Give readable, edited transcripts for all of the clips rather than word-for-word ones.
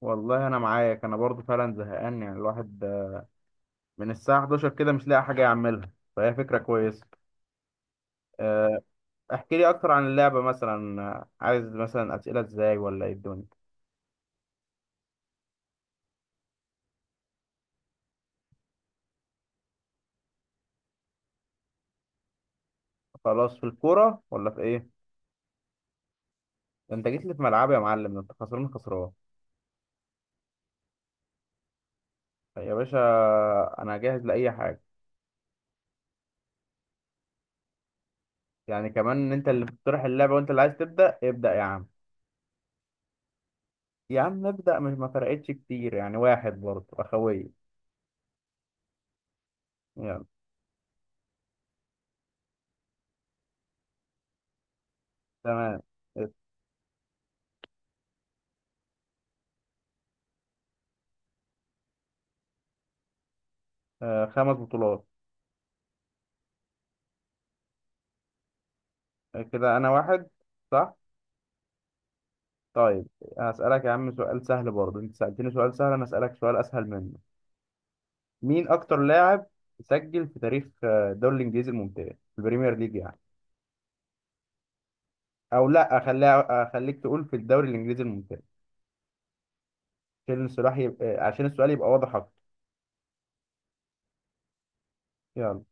والله انا معاك، انا برضو فعلا زهقان. يعني الواحد من الساعه 11 كده مش لاقي حاجه يعملها. فهي فكره كويسه. آه، احكي لي اكتر عن اللعبه، مثلا عايز مثلا اسئله ازاي ولا ايه الدنيا؟ خلاص، في الكوره ولا في ايه؟ ده انت جيت لي في ملعبي يا معلم، ده انت خسران خسران يا باشا. انا جاهز لاي حاجه. يعني كمان ان انت اللي بتقترح اللعبه وانت اللي عايز تبدا، ابدا يا عم. يا عم ابدا، مش ما فرقتش كتير يعني، واحد برضو اخويه. يلا. تمام. خمس بطولات. كده انا واحد صح. طيب هسألك يا عم سؤال سهل برضه. انت سألتني سؤال سهل، انا أسألك سؤال اسهل منه. مين اكتر لاعب سجل في تاريخ الدوري الانجليزي الممتاز، في البريمير ليج يعني. او لا خليها، اخليك تقول في الدوري الانجليزي الممتاز عشان السؤال يبقى، عشان السؤال يبقى واضح اكتر. يلا.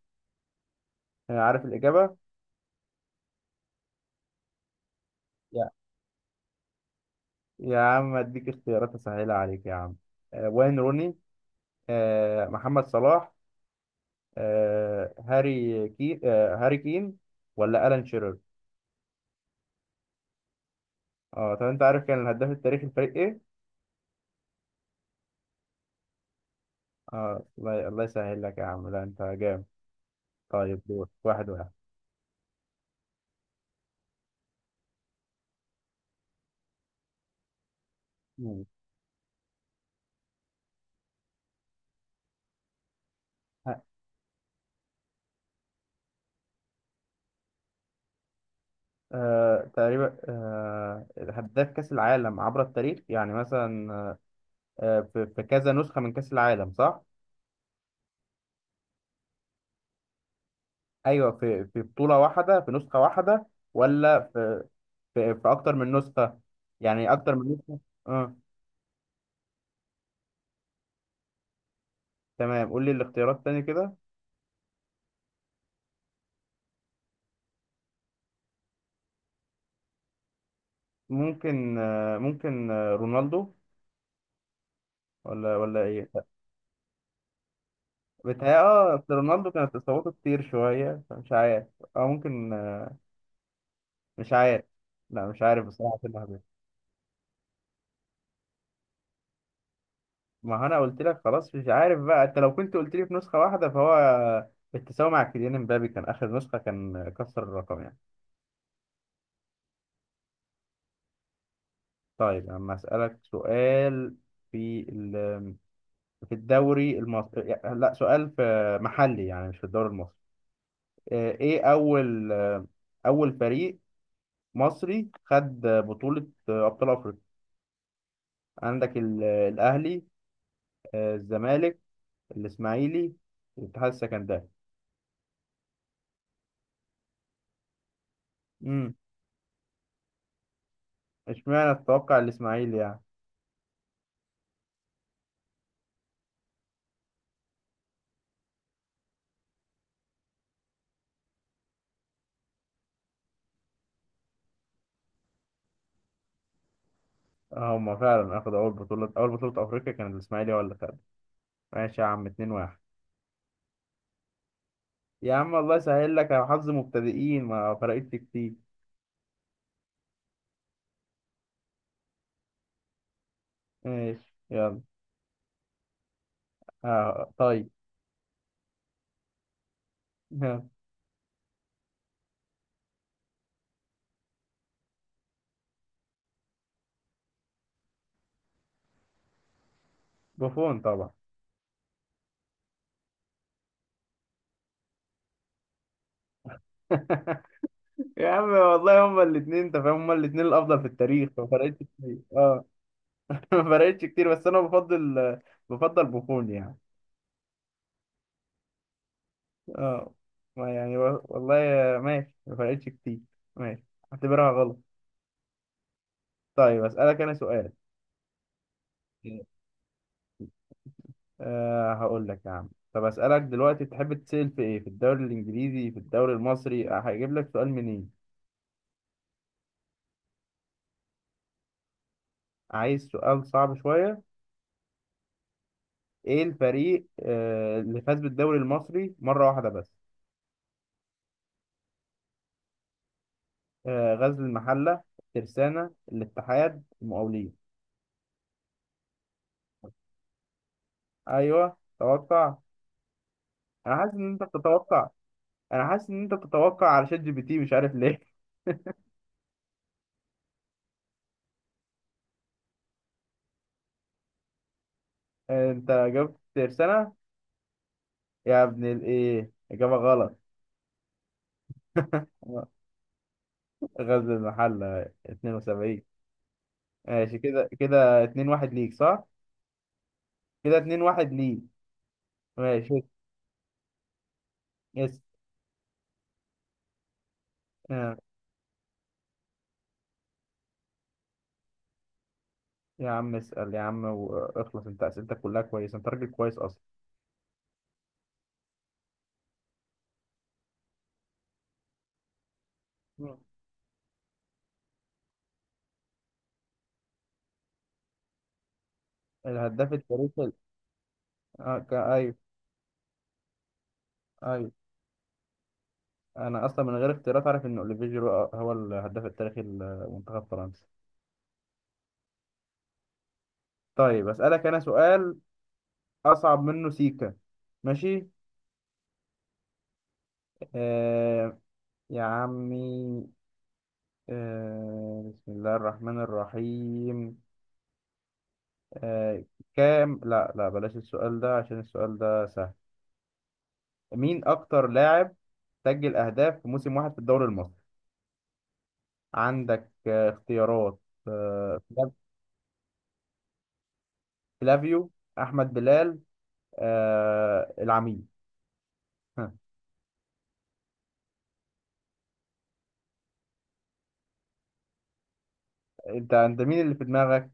أنا عارف الاجابة. يا يا عم اديك اختيارات اسهلها عليك يا عم. وين روني، محمد صلاح، آه، هاري كي آه، هاري كين، ولا ألان شيرر. اه طب انت عارف كان الهداف التاريخي الفريق ايه؟ اه الله الله، يسهل لك يا عم، لا انت جامد. طيب دور. واحد واحد. مم. ه- آه تقريبا، آه هداف كأس العالم عبر التاريخ يعني مثلا في كذا نسخة من كأس العالم صح؟ أيوه، في بطولة واحدة في نسخة واحدة، ولا في في أكتر من نسخة؟ يعني أكتر من نسخة؟ اه. تمام، قول لي الاختيارات تاني كده. ممكن آه رونالدو، ولا إيه؟ بتهيأ. اه أصل رونالدو كانت إصاباته كتير شوية فمش عارف. أو ممكن مش عارف. لا مش عارف بصراحة في اللحظة دي. ما هو أنا قلت لك خلاص مش عارف بقى. أنت لو كنت قلت لي في نسخة واحدة، فهو التساوي مع كيليان امبابي كان آخر نسخة، كان كسر الرقم يعني. طيب أما أسألك سؤال. في ال... في الدوري المصري يعني- لا، سؤال في محلي يعني، مش في الدوري المصري. إيه أول أول فريق مصري خد بطولة أبطال أفريقيا؟ عندك الأهلي، الزمالك، الاسماعيلي، الاتحاد السكندري. امم. اشمعنى تتوقع الاسماعيلي يعني؟ هم فعلا اخذوا اول بطوله، اول بطوله افريقيا كان الاسماعيلي هو اللي خدها. ماشي يا عم، 2-1. يا عم الله يسهل لك، يا حظ مبتدئين، ما فرقتش كتير. ماشي يلا. آه طيب. بوفون طبعا. يا عم والله هما الاثنين انت فاهم، هما الاثنين الافضل في التاريخ، ما فرقتش كتير اه. ما فرقتش كتير بس انا بفضل بوفون يعني. اه ما يعني والله ماشي، ما فرقتش كتير. ماشي، اعتبرها غلط. طيب اسألك انا سؤال. أه هقول لك يا عم، طب اسألك دلوقتي تحب تسأل في ايه؟ في الدوري الانجليزي في الدوري المصري؟ أه هجيب لك سؤال منين؟ عايز سؤال صعب شوية. ايه الفريق أه اللي فاز بالدوري المصري مرة واحدة بس؟ أه غزل المحلة، ترسانة، الاتحاد، المقاولين. ايوه توقع. انا حاسس ان انت بتتوقع، انا حاسس ان انت بتتوقع على شات جي بي تي مش عارف ليه. انت جبت سنة. يا ابن الايه، اجابة غلط. غزل المحلة 72. ماشي، كده كده 2-1 ليك صح. كده 2-1 ليك. ماشي. يس. آه، يا عم اسأل يا عم واخلص، انت اسئلتك كلها كويسة، انت راجل كويس اصلا. مم. الهداف التاريخي ايوه. ايوه، انا اصلا من غير اختيارات عارف ان اوليفيه جيرو هو الهداف التاريخي لمنتخب فرنسا. طيب اسألك انا سؤال اصعب منه سيكا. ماشي. آه، يا عمي، بسم الله الرحمن الرحيم. آه كام لا لا، بلاش السؤال ده عشان السؤال ده سهل. مين أكتر لاعب سجل أهداف في موسم واحد في الدوري المصري؟ عندك اختيارات: آه فلا- فلافيو، أحمد بلال، العميد. ها، أنت مين اللي في دماغك؟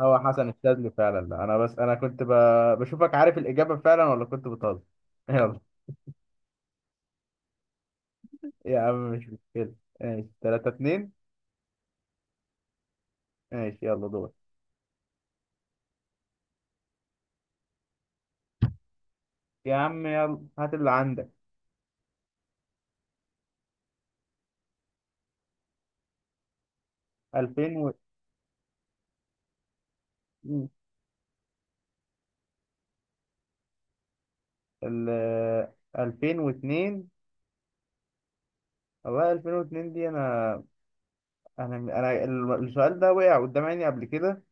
هو حسن الشاذلي فعلا. لا أنا بس أنا كنت بشوفك عارف الإجابة فعلا ولا كنت بتهزر. يلا. يا عم مش مشكلة. ماشي 3-2. ماشي يلا دور. يا عم يلا هات اللي عندك. 2000 و ال 2002. والله 2002 دي السؤال ده وقع قدام عيني قبل كده،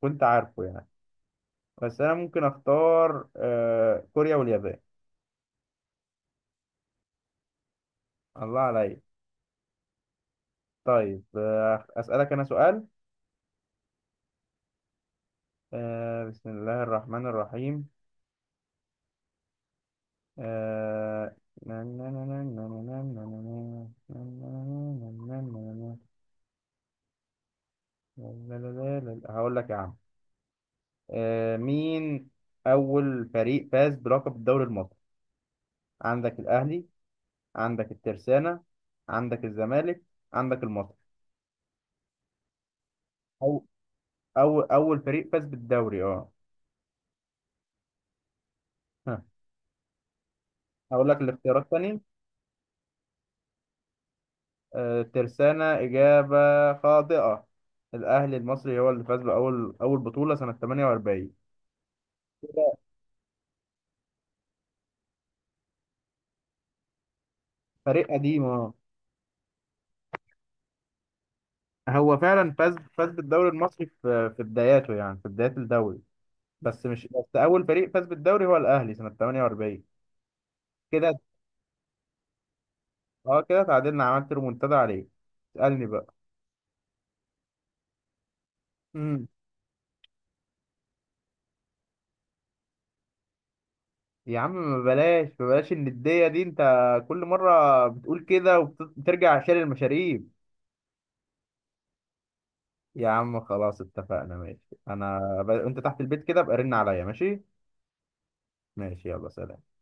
كنت عارفه يعني. بس انا ممكن اختار كوريا واليابان. الله عليا. طيب اسالك انا سؤال. بسم الله الرحمن الرحيم. آه، هقول لك يا عم. مين أول فريق فاز بلقب الدوري المصري؟ عندك الأهلي، عندك الترسانة، عندك الزمالك، عندك المصري. أو أول فريق فاز بالدوري أه. ها هقول لك الاختيارات تاني. الترسانة إجابة خاطئة. الأهلي المصري هو اللي فاز بأول بطولة سنة 48. فريق قديم أه. هو فعلا فاز بالدوري المصري في بداياته يعني في بداية الدوري. بس مش بس أول فريق فاز بالدوري هو الأهلي سنة 48. كده اه، كده تعادلنا، عملت ريمونتادا عليك. اسألني بقى. امم. يا عم ما بلاش، ما بلاش الندية دي، انت كل مرة بتقول كده وبترجع عشان المشاريب. يا عم خلاص اتفقنا ماشي. انا انت تحت البيت كده ابقى رن عليا ماشي. ماشي يلا، سلام.